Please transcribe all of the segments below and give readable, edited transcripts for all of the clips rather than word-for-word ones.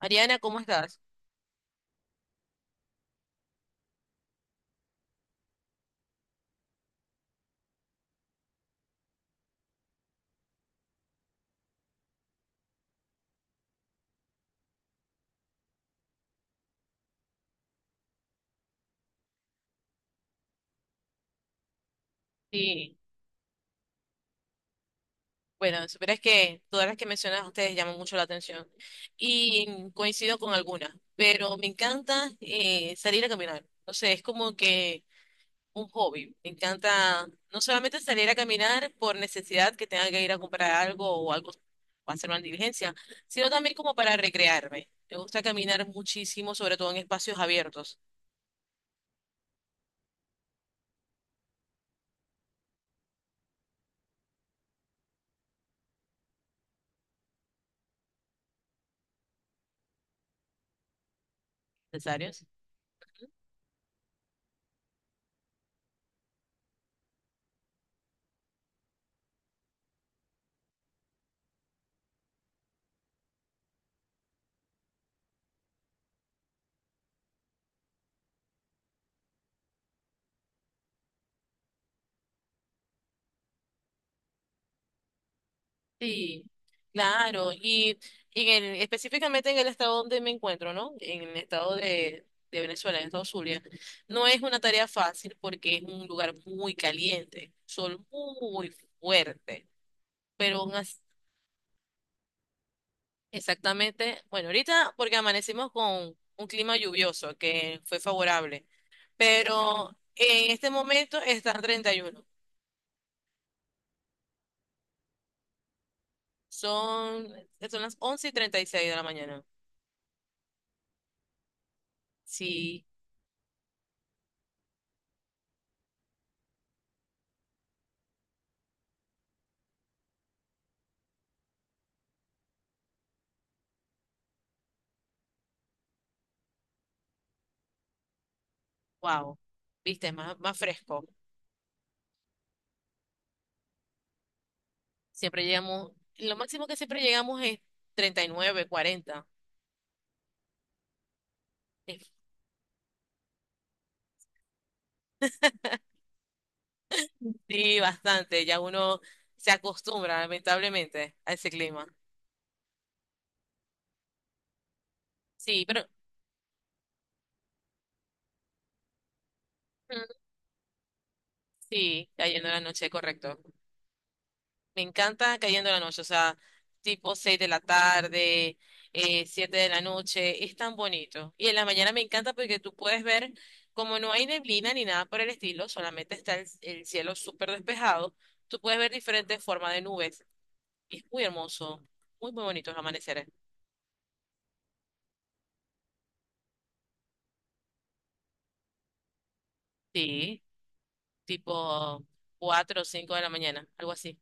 Ariana, ¿cómo estás? Sí, bueno, supieras que todas las que mencionas ustedes llaman mucho la atención y coincido con algunas, pero me encanta salir a caminar. O sea, es como que un hobby. Me encanta no solamente salir a caminar por necesidad que tenga que ir a comprar algo o algo o hacer una diligencia, sino también como para recrearme. Me gusta caminar muchísimo, sobre todo en espacios abiertos. Necesarios. Sí, claro. Y específicamente en el estado donde me encuentro, ¿no? En el estado de Venezuela, en el estado Zulia, no es una tarea fácil porque es un lugar muy caliente, sol muy fuerte. Pero aún as- exactamente, bueno, ahorita porque amanecimos con un clima lluvioso que fue favorable, pero en este momento está 31. Son, son las 11 y treinta y seis de la mañana. Sí. Wow, viste, más, más fresco. Siempre llegamos, lo máximo que siempre llegamos es 39, 40. Es- Sí, bastante, ya uno se acostumbra lamentablemente a ese clima. Sí, pero mm, sí, cayendo la noche, correcto. Me encanta cayendo la noche, o sea, tipo 6 de la tarde, 7 de la noche, es tan bonito. Y en la mañana me encanta porque tú puedes ver, como no hay neblina ni nada por el estilo, solamente está el cielo súper despejado, tú puedes ver diferentes formas de nubes. Y es muy hermoso, muy, muy bonito los amaneceres. Sí, tipo 4 o 5 de la mañana, algo así.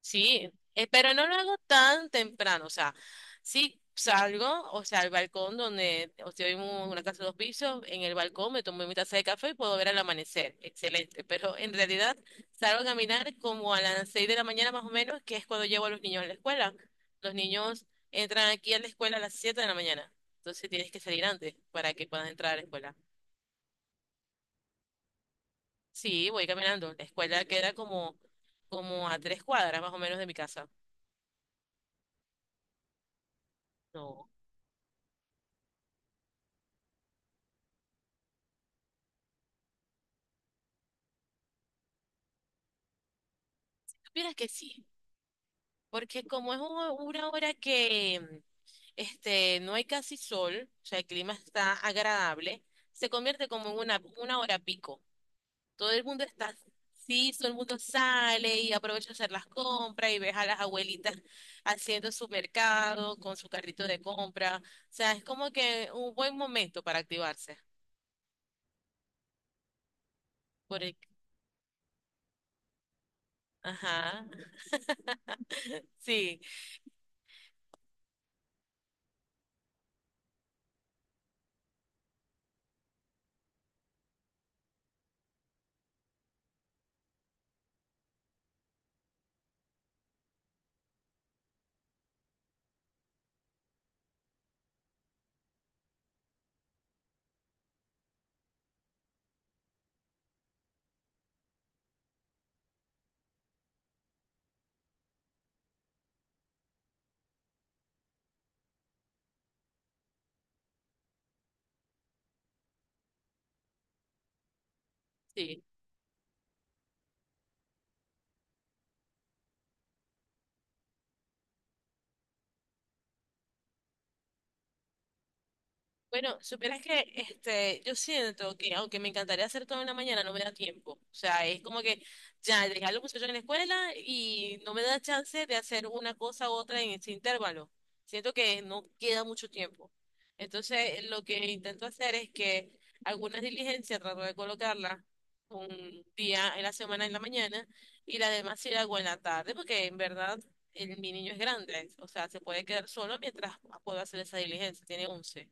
Sí, pero no lo hago tan temprano, o sea, sí salgo, o sea, al balcón donde, o sea, hay una casa de dos pisos, en el balcón me tomo mi taza de café y puedo ver el amanecer, excelente, pero en realidad salgo a caminar como a las 6 de la mañana más o menos, que es cuando llevo a los niños a la escuela. Los niños entran aquí a la escuela a las 7 de la mañana, entonces tienes que salir antes para que puedas entrar a la escuela. Sí, voy caminando, la escuela queda como a 3 cuadras más o menos de mi casa. No, supieras que sí. Porque como es una hora que este, no hay casi sol, o sea, el clima está agradable, se convierte como en una hora pico. Todo el mundo está, sí, todo el mundo sale y aprovecha a hacer las compras y ves a las abuelitas haciendo su mercado con su carrito de compra. O sea, es como que un buen momento para activarse. Por el- ajá, sí, sí. Bueno, supieras que este, yo siento que aunque me encantaría hacer todo en la mañana, no me da tiempo. O sea, es como que ya dejé a los muchachos en la escuela y no me da chance de hacer una cosa u otra en ese intervalo. Siento que no queda mucho tiempo. Entonces, lo que intento hacer es que algunas diligencias trato de colocarlas un día en la semana en la mañana y las demás sí las hago en la tarde, porque en verdad mi niño es grande. O sea, se puede quedar solo mientras puedo hacer esa diligencia. Tiene 11.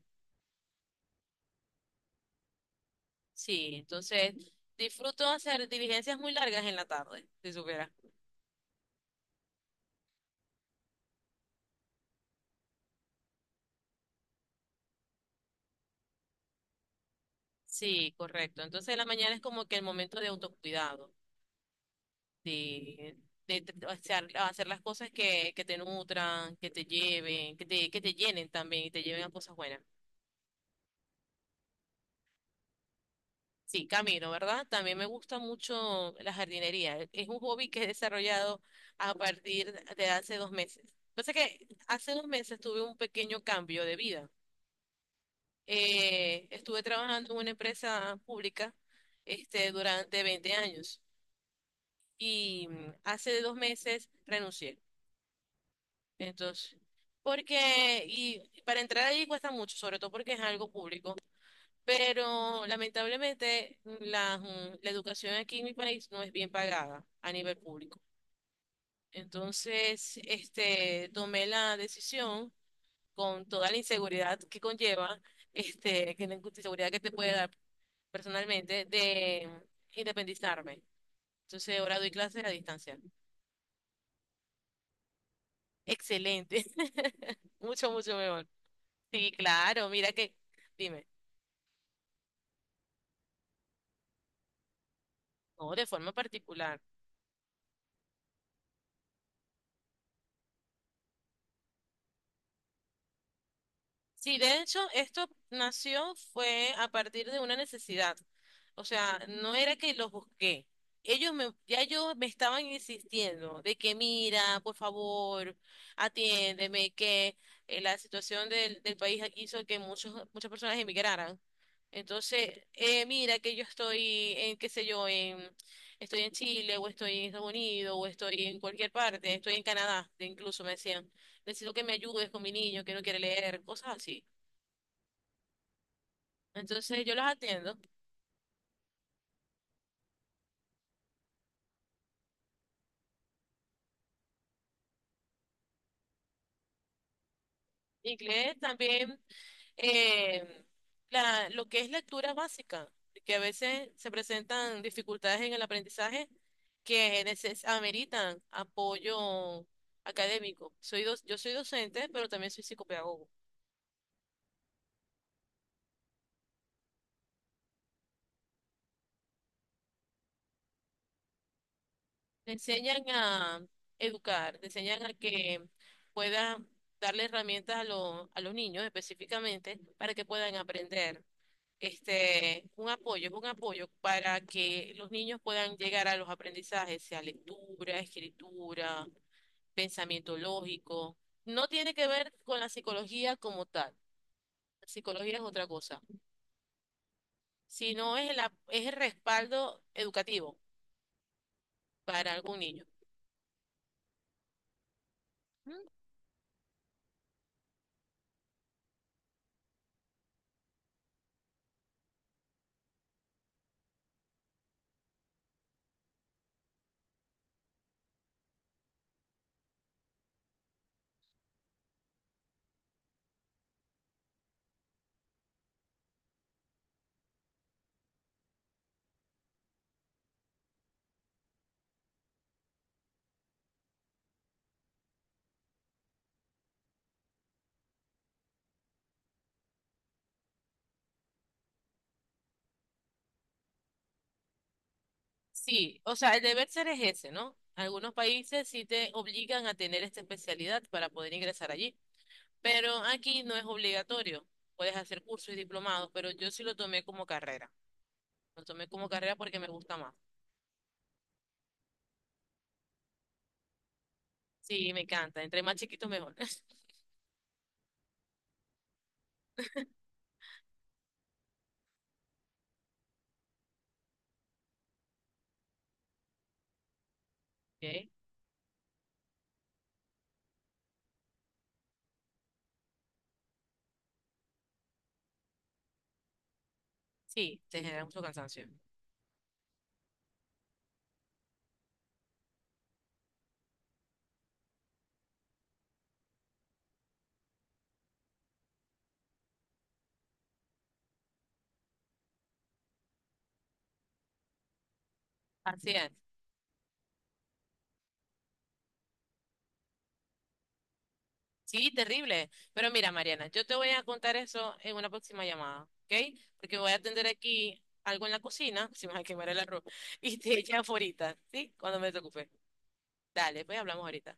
Sí, entonces disfruto hacer diligencias muy largas en la tarde, si supiera. Sí, correcto. Entonces la mañana es como que el momento de autocuidado, de, de hacer, las cosas que te nutran, que te lleven, que te llenen también y te lleven a cosas buenas. Sí, camino, ¿verdad? También me gusta mucho la jardinería. Es un hobby que he desarrollado a partir de hace 2 meses. Pasa que hace 2 meses tuve un pequeño cambio de vida. Estuve trabajando en una empresa pública este, durante 20 años y hace 2 meses renuncié. Entonces, porque, y para entrar ahí cuesta mucho, sobre todo porque es algo público, pero lamentablemente la educación aquí en mi país no es bien pagada a nivel público. Entonces, este, tomé la decisión con toda la inseguridad que conlleva, este, que la inseguridad que te puede dar personalmente de independizarme. Entonces ahora doy clases a distancia. Excelente, mucho, mucho mejor. Sí, claro, mira que, dime, no, de forma particular. Sí, de hecho, esto nació fue a partir de una necesidad. O sea, no era que los busqué. Ya ellos me estaban insistiendo de que mira, por favor, atiéndeme, que la situación del país hizo que muchas personas emigraran. Entonces, mira que yo estoy en, qué sé yo, en, estoy en Chile, o estoy en Estados Unidos, o estoy en cualquier parte, estoy en Canadá, incluso me decían necesito que me ayudes con mi niño que no quiere leer, cosas así. Entonces yo las atiendo. Inglés también, eh, lo que es lectura básica, que a veces se presentan dificultades en el aprendizaje que ameritan apoyo académico. Yo soy docente, pero también soy psicopedagogo. Te enseñan a educar, te enseñan a que puedan darle herramientas a los niños específicamente para que puedan aprender este, un apoyo, es un apoyo para que los niños puedan llegar a los aprendizajes, sea lectura, escritura, pensamiento lógico. No tiene que ver con la psicología como tal. La psicología es otra cosa, sino es el respaldo educativo para algún niño. Mm. Sí, o sea, el deber ser es ese, ¿no? Algunos países sí te obligan a tener esta especialidad para poder ingresar allí, pero aquí no es obligatorio. Puedes hacer cursos y diplomados, pero yo sí lo tomé como carrera. Lo tomé como carrera porque me gusta más. Sí, me encanta. Entre más chiquito, mejor. Ok. Sí, te genera mucho cansancio. Así es. Sí, terrible. Pero mira, Mariana, yo te voy a contar eso en una próxima llamada, ¿ok? Porque voy a atender aquí algo en la cocina, si me va a quemar el arroz, y te echan ahorita, ¿sí? Cuando me desocupe. Dale, pues hablamos ahorita.